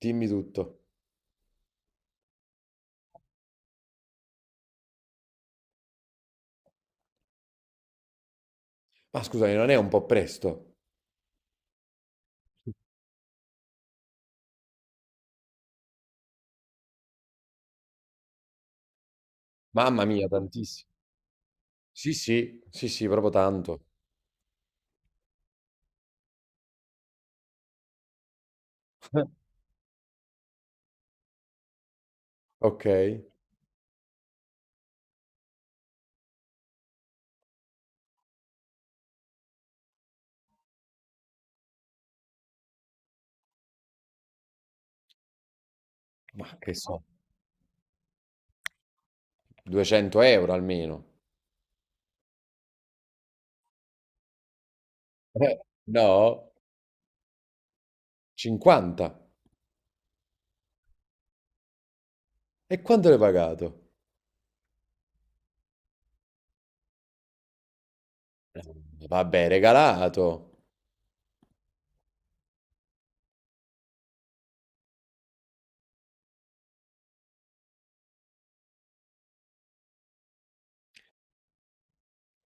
Dimmi tutto. Ma scusami, non è un po' presto? Mamma mia, tantissimo. Sì, sì, sì, sì, proprio tanto. Ok, ma che so, 200 euro almeno. Eh, no, 50. E quanto l'hai pagato? Eh, Vabbè, regalato.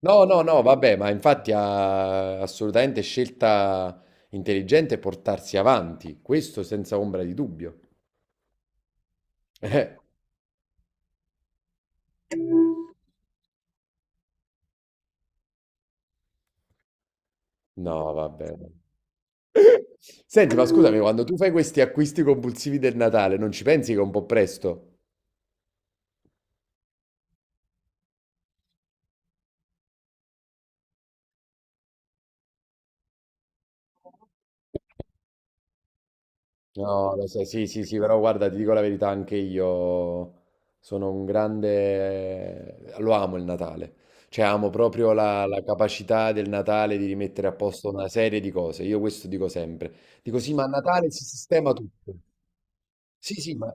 No, no, no, vabbè, ma infatti ha assolutamente scelta intelligente portarsi avanti, questo senza ombra di dubbio. Eh, no, vabbè. Senti, ma scusami, quando tu fai questi acquisti compulsivi del Natale, non ci pensi che è un po' presto? No, lo sai, sì, sì, sì, però guarda, ti dico la verità, anche io sono un grande... lo amo il Natale, cioè amo proprio la capacità del Natale di rimettere a posto una serie di cose, io questo dico sempre, dico sì, ma a Natale si sistema tutto, sì, sì, ma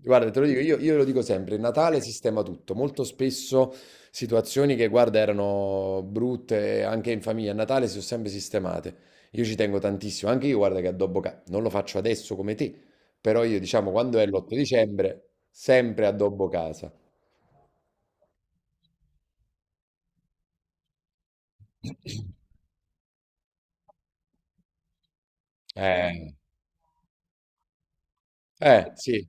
guarda, te lo dico, io lo dico sempre, Natale sistema tutto, molto spesso situazioni che, guarda, erano brutte anche in famiglia, a Natale si sono sempre sistemate. Io ci tengo tantissimo, anche io, guarda, che addobbo casa, non lo faccio adesso come te, però io, diciamo, quando è l'8 dicembre, sempre addobbo casa. Eh, sì,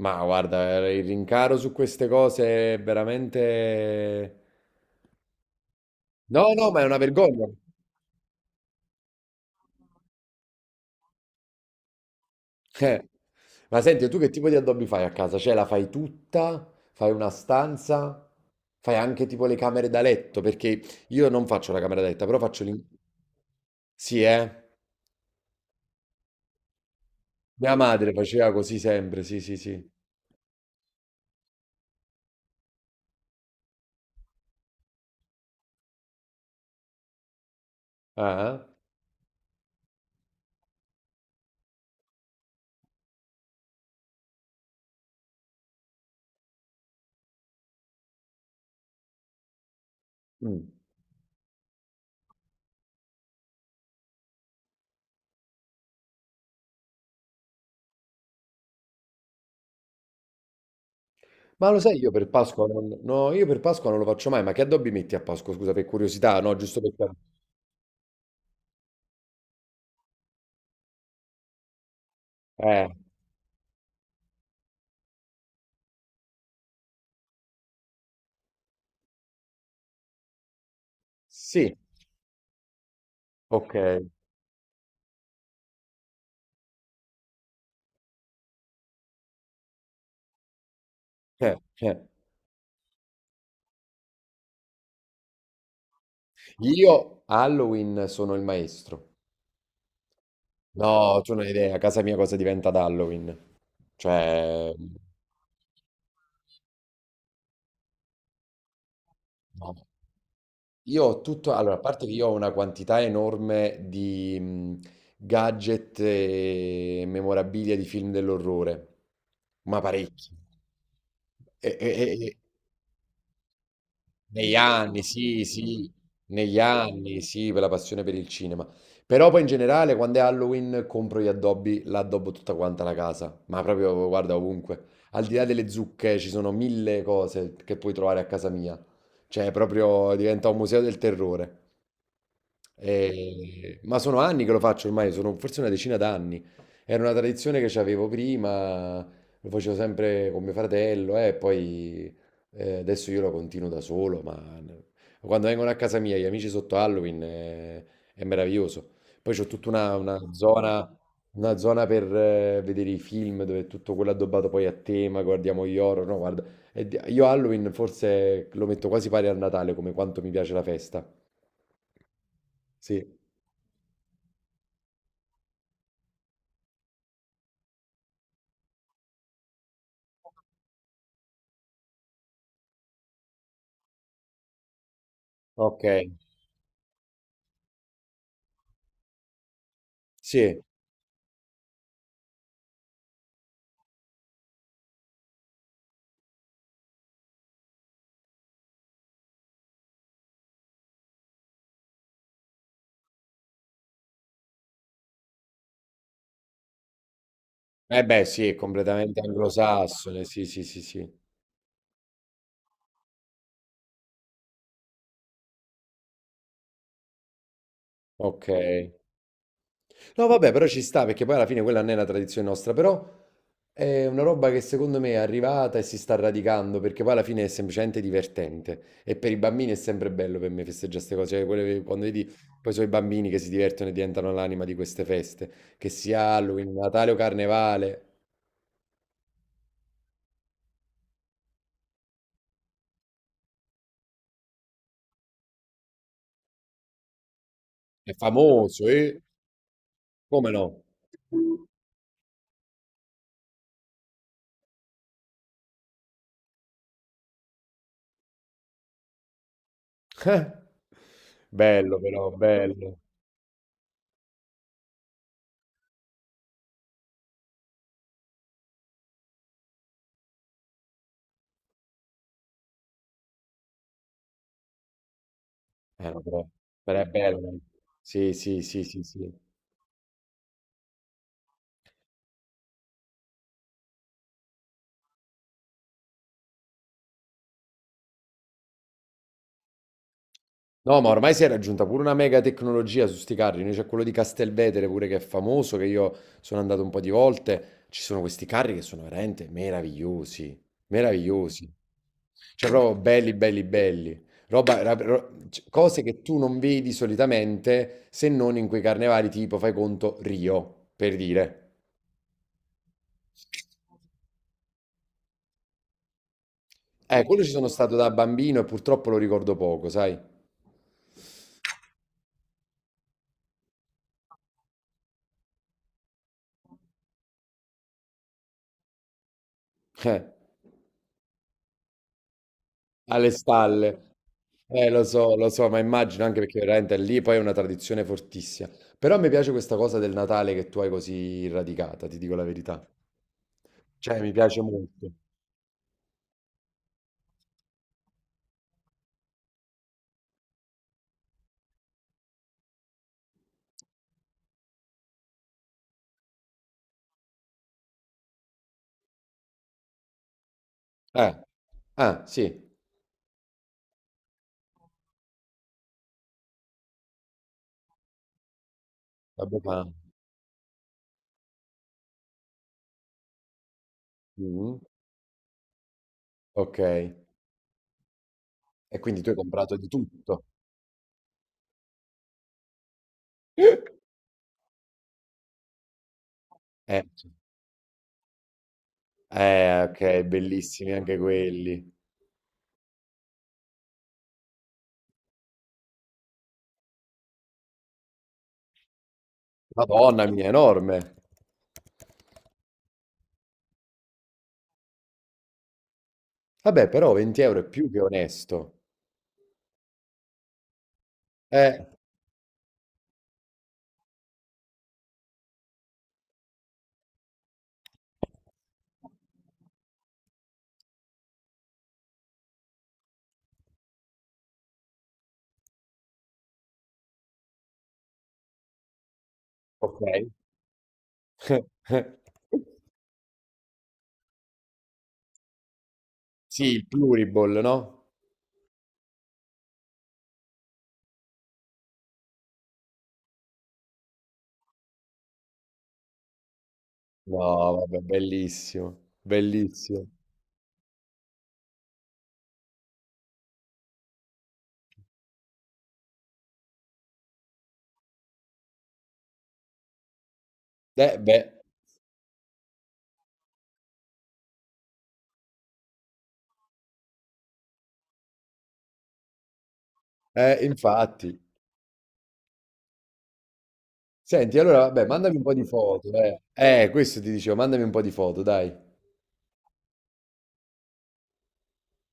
ma guarda, il rincaro su queste cose è veramente... No, no, ma è una vergogna. Eh. Ma senti, tu che tipo di addobbi fai a casa? Cioè, la fai tutta? Fai una stanza? Fai anche tipo le camere da letto? Perché io non faccio la camera da letto, però faccio l'in... Sì, eh? Mia madre faceva così sempre, sì, sì, sì. Ah, eh? Mm. Ma lo sai, io per Pasqua non... No, io per Pasqua non lo faccio mai, ma che addobbi metti a Pasqua? Scusa, per curiosità, no? Giusto per... cap- Eh, sì, ok. Eh. Io Halloween sono il maestro. No, tu non hai idea, a casa mia cosa diventa ad Halloween. Cioè, no. Io ho tutto, allora, a parte che io ho una quantità enorme di gadget e memorabilia di film dell'orrore, ma parecchi. E, e- e- Negli anni, sì, sì, negli anni, sì, per la passione per il cinema. Però poi in generale, quando è Halloween, compro gli addobbi, l'addobbo tutta quanta la casa. Ma proprio, guarda, ovunque. Al di là delle zucche, ci sono mille cose che puoi trovare a casa mia. Cioè, proprio diventa un museo del terrore. Ma sono anni che lo faccio ormai, sono forse una decina d'anni. Era una tradizione che avevo prima, lo facevo sempre con mio fratello e poi adesso io lo continuo da solo, ma quando vengono a casa mia gli amici sotto Halloween è meraviglioso. Poi c'ho tutta una zona, una zona per vedere i film dove è tutto quello addobbato poi a tema, guardiamo gli horror, no, guarda. Io Halloween forse lo metto quasi pari al Natale come quanto mi piace la festa. Sì. Okay, sì. Eh beh sì, è completamente anglosassone, sì, sì, sì, sì. Okay. No vabbè, però ci sta perché poi alla fine quella non è una tradizione nostra, però è una roba che secondo me è arrivata e si sta radicando, perché poi alla fine è semplicemente divertente e per i bambini è sempre bello per me festeggiare 'ste cose, cioè quelle quando vedi poi sono i bambini che si divertono e diventano l'anima di queste feste, che sia Halloween, Natale o Carnevale, è famoso, come no. Eh. Bello però, bello. Vabbè, però è bello. Eh. Sì, sì, sì, sì, sì. No, ma ormai si è raggiunta pure una mega tecnologia su sti carri. Noi c'è quello di Castelvetere pure che è famoso, che io sono andato un po' di volte. Ci sono questi carri che sono veramente meravigliosi, meravigliosi. Cioè proprio belli, belli, belli. Roba, cose che tu non vedi solitamente se non in quei carnevali tipo, fai conto, Rio, per dire. Quello ci sono stato da bambino e purtroppo lo ricordo poco, sai? Eh. Alle stalle. Lo so, ma immagino anche perché veramente lì poi è una tradizione fortissima. Però mi piace questa cosa del Natale che tu hai così radicata, ti dico la verità. Cioè, mi piace molto. Eh, ah, sì, vabbè, ma... mm, ok. E quindi tu hai comprato di tutto. Sì. Eh, ok, bellissimi anche quelli. Madonna mia, enorme. Vabbè, però 20 euro è più che onesto. Eh, ok. Sì, il pluriball, no? No, vabbè, bellissimo, bellissimo. Beh, infatti. Senti, allora, vabbè, mandami un po' di foto, eh. Questo ti dicevo, mandami un po' di foto, dai.